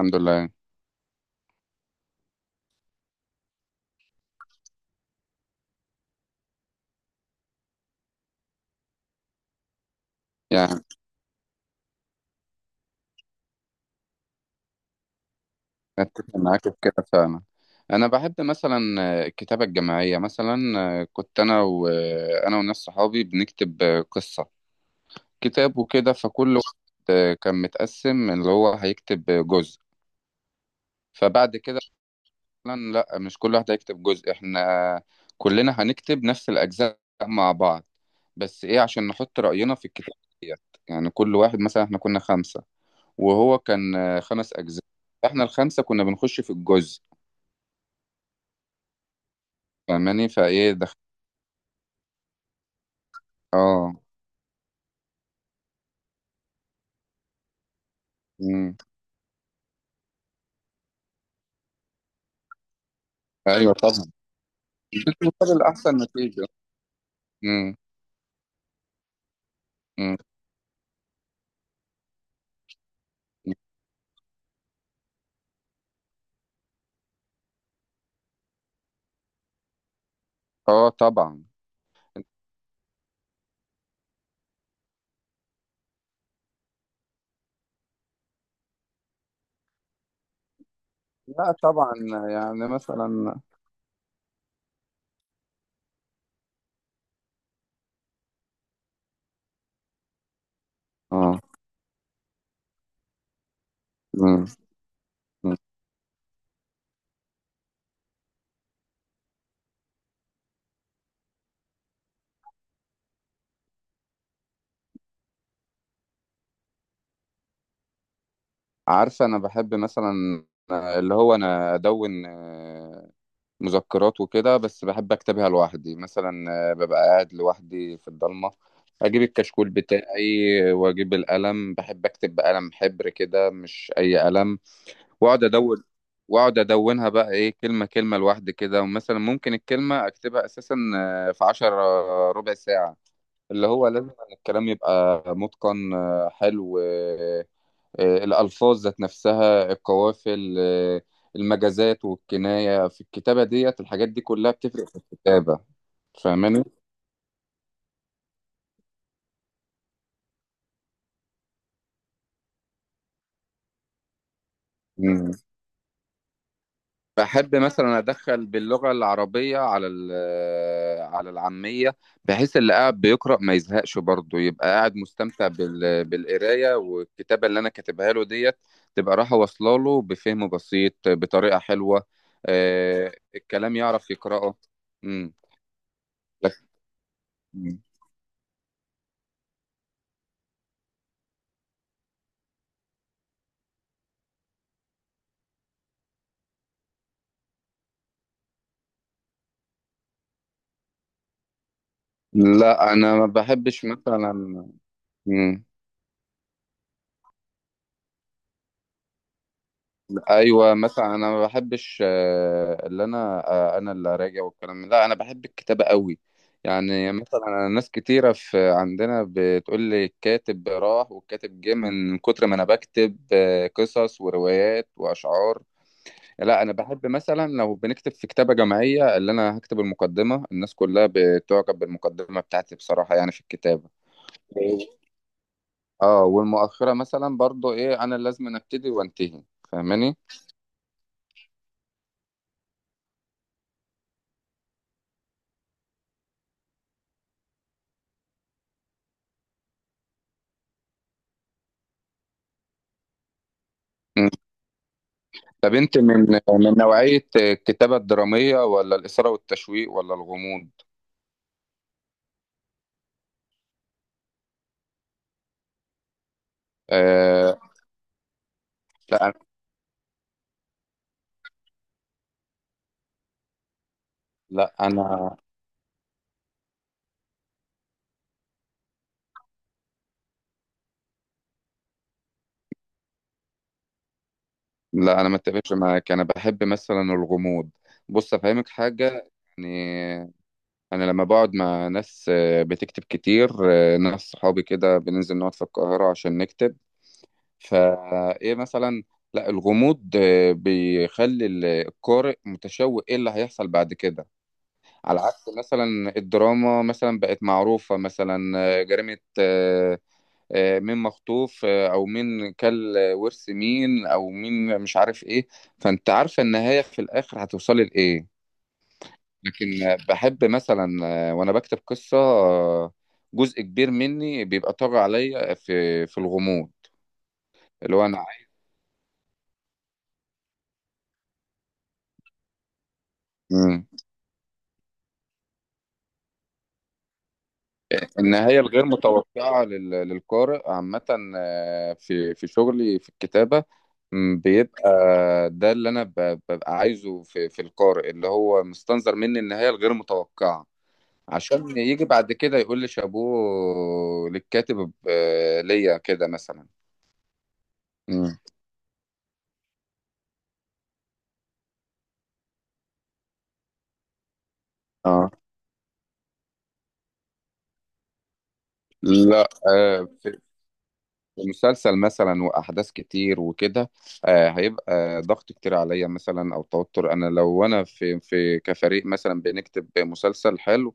الحمد لله. يعني أتفق معاك في كده فعلا. أنا بحب مثلا الكتابة الجماعية مثلا. كنت أنا وناس صحابي بنكتب قصة، كتاب وكده. فكل واحد كان متقسم اللي هو هيكتب جزء. فبعد كده مثلا لأ، مش كل واحد هيكتب جزء، إحنا كلنا هنكتب نفس الأجزاء مع بعض. بس إيه، عشان نحط رأينا في الكتاب ديت. يعني كل واحد مثلا، إحنا كنا خمسة وهو كان خمس أجزاء. إحنا الخمسة كنا بنخش في الجزء. فاهماني فايه دخل. اه. امم. ايوه طبعا، المقابل احسن نتيجه. امم. امم. اه طبعا. لا طبعا. يعني مثلا اه. مم. مم. عارفه انا بحب مثلا اللي هو انا ادون مذكرات وكده، بس بحب اكتبها لوحدي مثلا. ببقى قاعد لوحدي في الضلمه، اجيب الكشكول بتاعي واجيب القلم. بحب اكتب بقلم حبر كده، مش اي قلم. واقعد ادون، واقعد ادونها بقى ايه، كلمه كلمه لوحدي كده. ومثلا ممكن الكلمه اكتبها اساسا في عشر ربع ساعه. اللي هو لازم إن الكلام يبقى متقن، حلو، الالفاظ ذات نفسها، القوافل، المجازات والكنايه في الكتابه ديت، الحاجات دي كلها بتفرق في الكتابه. فاهماني؟ بحب مثلا ادخل باللغه العربيه على على العاميه، بحيث اللي قاعد بيقرا ما يزهقش، برضه يبقى قاعد مستمتع بالقرايه والكتابه اللي انا كاتبها له ديت. تبقى رايحه واصله له بفهم بسيط بطريقه حلوه، الكلام يعرف يقراه. امم. لا انا ما بحبش مثلا. مم. ايوه مثلا انا ما بحبش، آه، اللي انا آه، انا اللي راجع لا انا بحب الكتابه قوي. يعني مثلا، أنا ناس كتيره في عندنا بتقول لي الكاتب راح والكاتب جه، من كتر ما انا بكتب قصص وروايات واشعار. لا انا بحب مثلا لو بنكتب في كتابه جماعيه، اللي انا هكتب المقدمه. الناس كلها بتعجب بالمقدمه بتاعتي بصراحه يعني في الكتابه. اه، والمؤخره مثلا برضو ايه، انا لازم ابتدي وانتهي. فاهماني؟ طب انت من نوعية الكتابة الدرامية ولا الإثارة والتشويق ولا الغموض؟ آه. لا. لا انا لا، انا ما اتفقش معاك، انا بحب مثلا الغموض. بص افهمك حاجة. يعني انا لما بقعد مع ناس بتكتب كتير، ناس صحابي كده بننزل نقعد في القاهرة عشان نكتب. فايه مثلا، لا الغموض بيخلي القارئ متشوق ايه اللي هيحصل بعد كده. على عكس مثلا الدراما مثلا بقت معروفة مثلا، جريمة، مين مخطوف، أو مين كل ورث مين، أو مين مش عارف إيه. فأنت عارفة النهاية في الآخر هتوصلي لإيه. لكن بحب مثلا، وأنا بكتب قصة، جزء كبير مني بيبقى طاغي عليا في الغموض. اللي هو أنا النهاية الغير متوقعة للقارئ عامة، في شغلي في الكتابة، بيبقى ده اللي أنا ببقى عايزه في القارئ، اللي هو مستنظر مني النهاية الغير متوقعة، عشان يجي بعد كده يقول لي شابوه للكاتب ليا كده مثلا. مم. اه. لا، مسلسل مثلا واحداث كتير وكده، هيبقى ضغط كتير عليا مثلا او توتر. انا لو انا في كفريق مثلا بنكتب مسلسل حلو،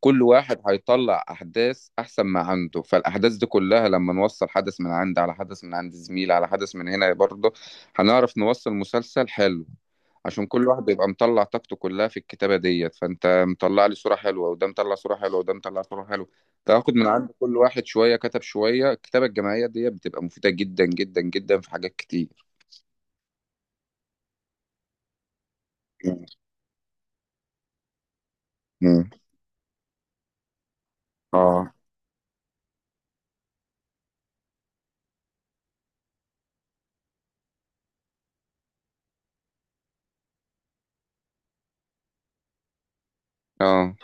كل واحد هيطلع احداث احسن ما عنده. فالاحداث دي كلها لما نوصل حدث من عند، على حدث من عند زميل، على حدث من هنا برضه، هنعرف نوصل مسلسل حلو. عشان كل واحد بيبقى مطلع طاقته كلها في الكتابة ديت. فانت مطلع لي صورة حلوة، وده مطلع صورة حلوة، وده مطلع صورة حلوة. تاخد من عند كل واحد شوية كتب شوية. الكتابة الجماعية ديت بتبقى مفيدة جدا جدا جدا في حاجات كتير. مم. مم. اه، اه،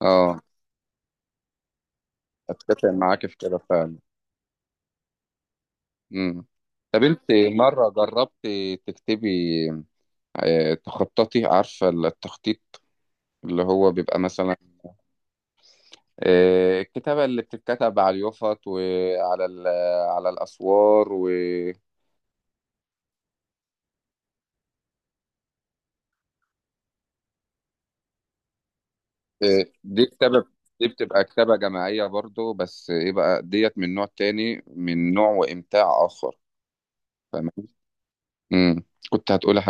اه، اتفق معاك في كده فعلا. مم. طب انت مرة جربت تكتبي، تخططي؟ عارفة التخطيط؟ اللي هو بيبقى مثلا الكتابة اللي بتتكتب على اليوفط وعلى على الأسوار و دي كتابة. دي بتبقى كتابة جماعية برضو، بس ايه بقى ديت، من نوع تاني، من نوع وإمتاع آخر. فاهمة؟ مم. كنت هتقولها.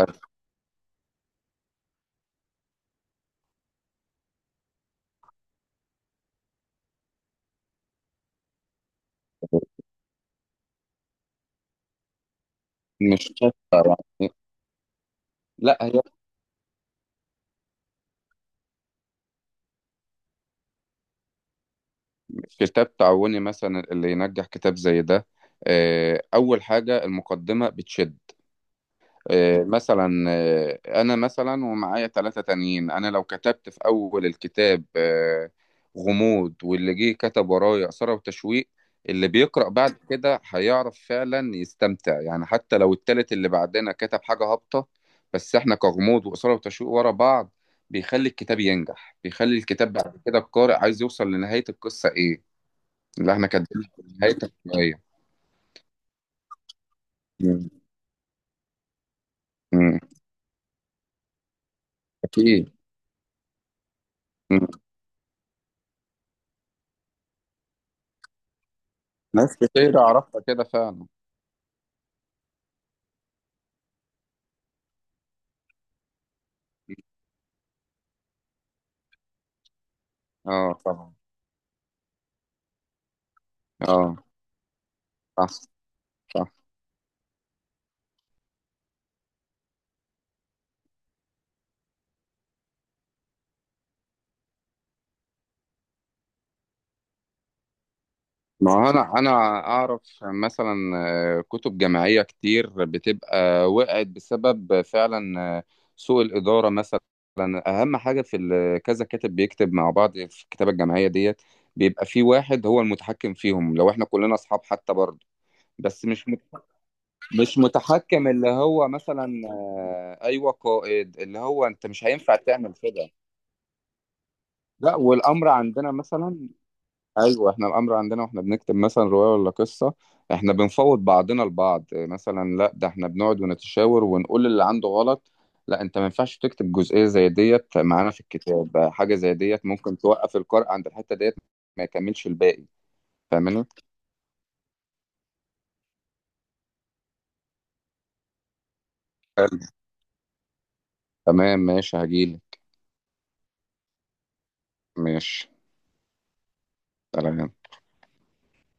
مش لا هي كتاب تعاوني مثلا اللي ينجح، كتاب زي ده. أول حاجة المقدمة بتشد. مثلا أنا مثلا ومعايا ثلاثة تانيين، أنا لو كتبت في أول الكتاب غموض، واللي جه كتب ورايا إثارة وتشويق، اللي بيقرأ بعد كده هيعرف فعلا يستمتع. يعني حتى لو التالت اللي بعدنا كتب حاجة هابطة، بس احنا كغموض وإثارة وتشويق ورا بعض، بيخلي الكتاب ينجح. بيخلي الكتاب بعد كده القارئ عايز يوصل لنهاية القصة إيه اللي احنا كاتبينها في نهاية الشوية. مم. مم. أكيد. مم. ناس كتير أعرفها كده فعلا. اه طبعا. اه، صح. صح. ما هو انا اعرف مثلا كتب جامعيه كتير بتبقى وقعت بسبب فعلا سوء الاداره مثلا. اهم حاجه في كذا كاتب بيكتب مع بعض في الكتابه الجامعيه ديت، بيبقى في واحد هو المتحكم فيهم. لو احنا كلنا اصحاب حتى برضه، بس مش مش متحكم، اللي هو مثلا ايوه قائد. اللي هو انت مش هينفع تعمل كده. لا، والامر عندنا مثلا، ايوه احنا الامر عندنا واحنا بنكتب مثلا روايه ولا قصه، احنا بنفوض بعضنا البعض مثلا. لا، ده احنا بنقعد ونتشاور ونقول اللي عنده غلط. لا انت ما ينفعش تكتب جزئيه زي ديت معانا في الكتاب ده، حاجه زي ديت ممكن توقف القارئ عند الحته ديت، ما يكملش الباقي. فاهمني؟ حلو. تمام ماشي، هجيلك. ماشي. سلام.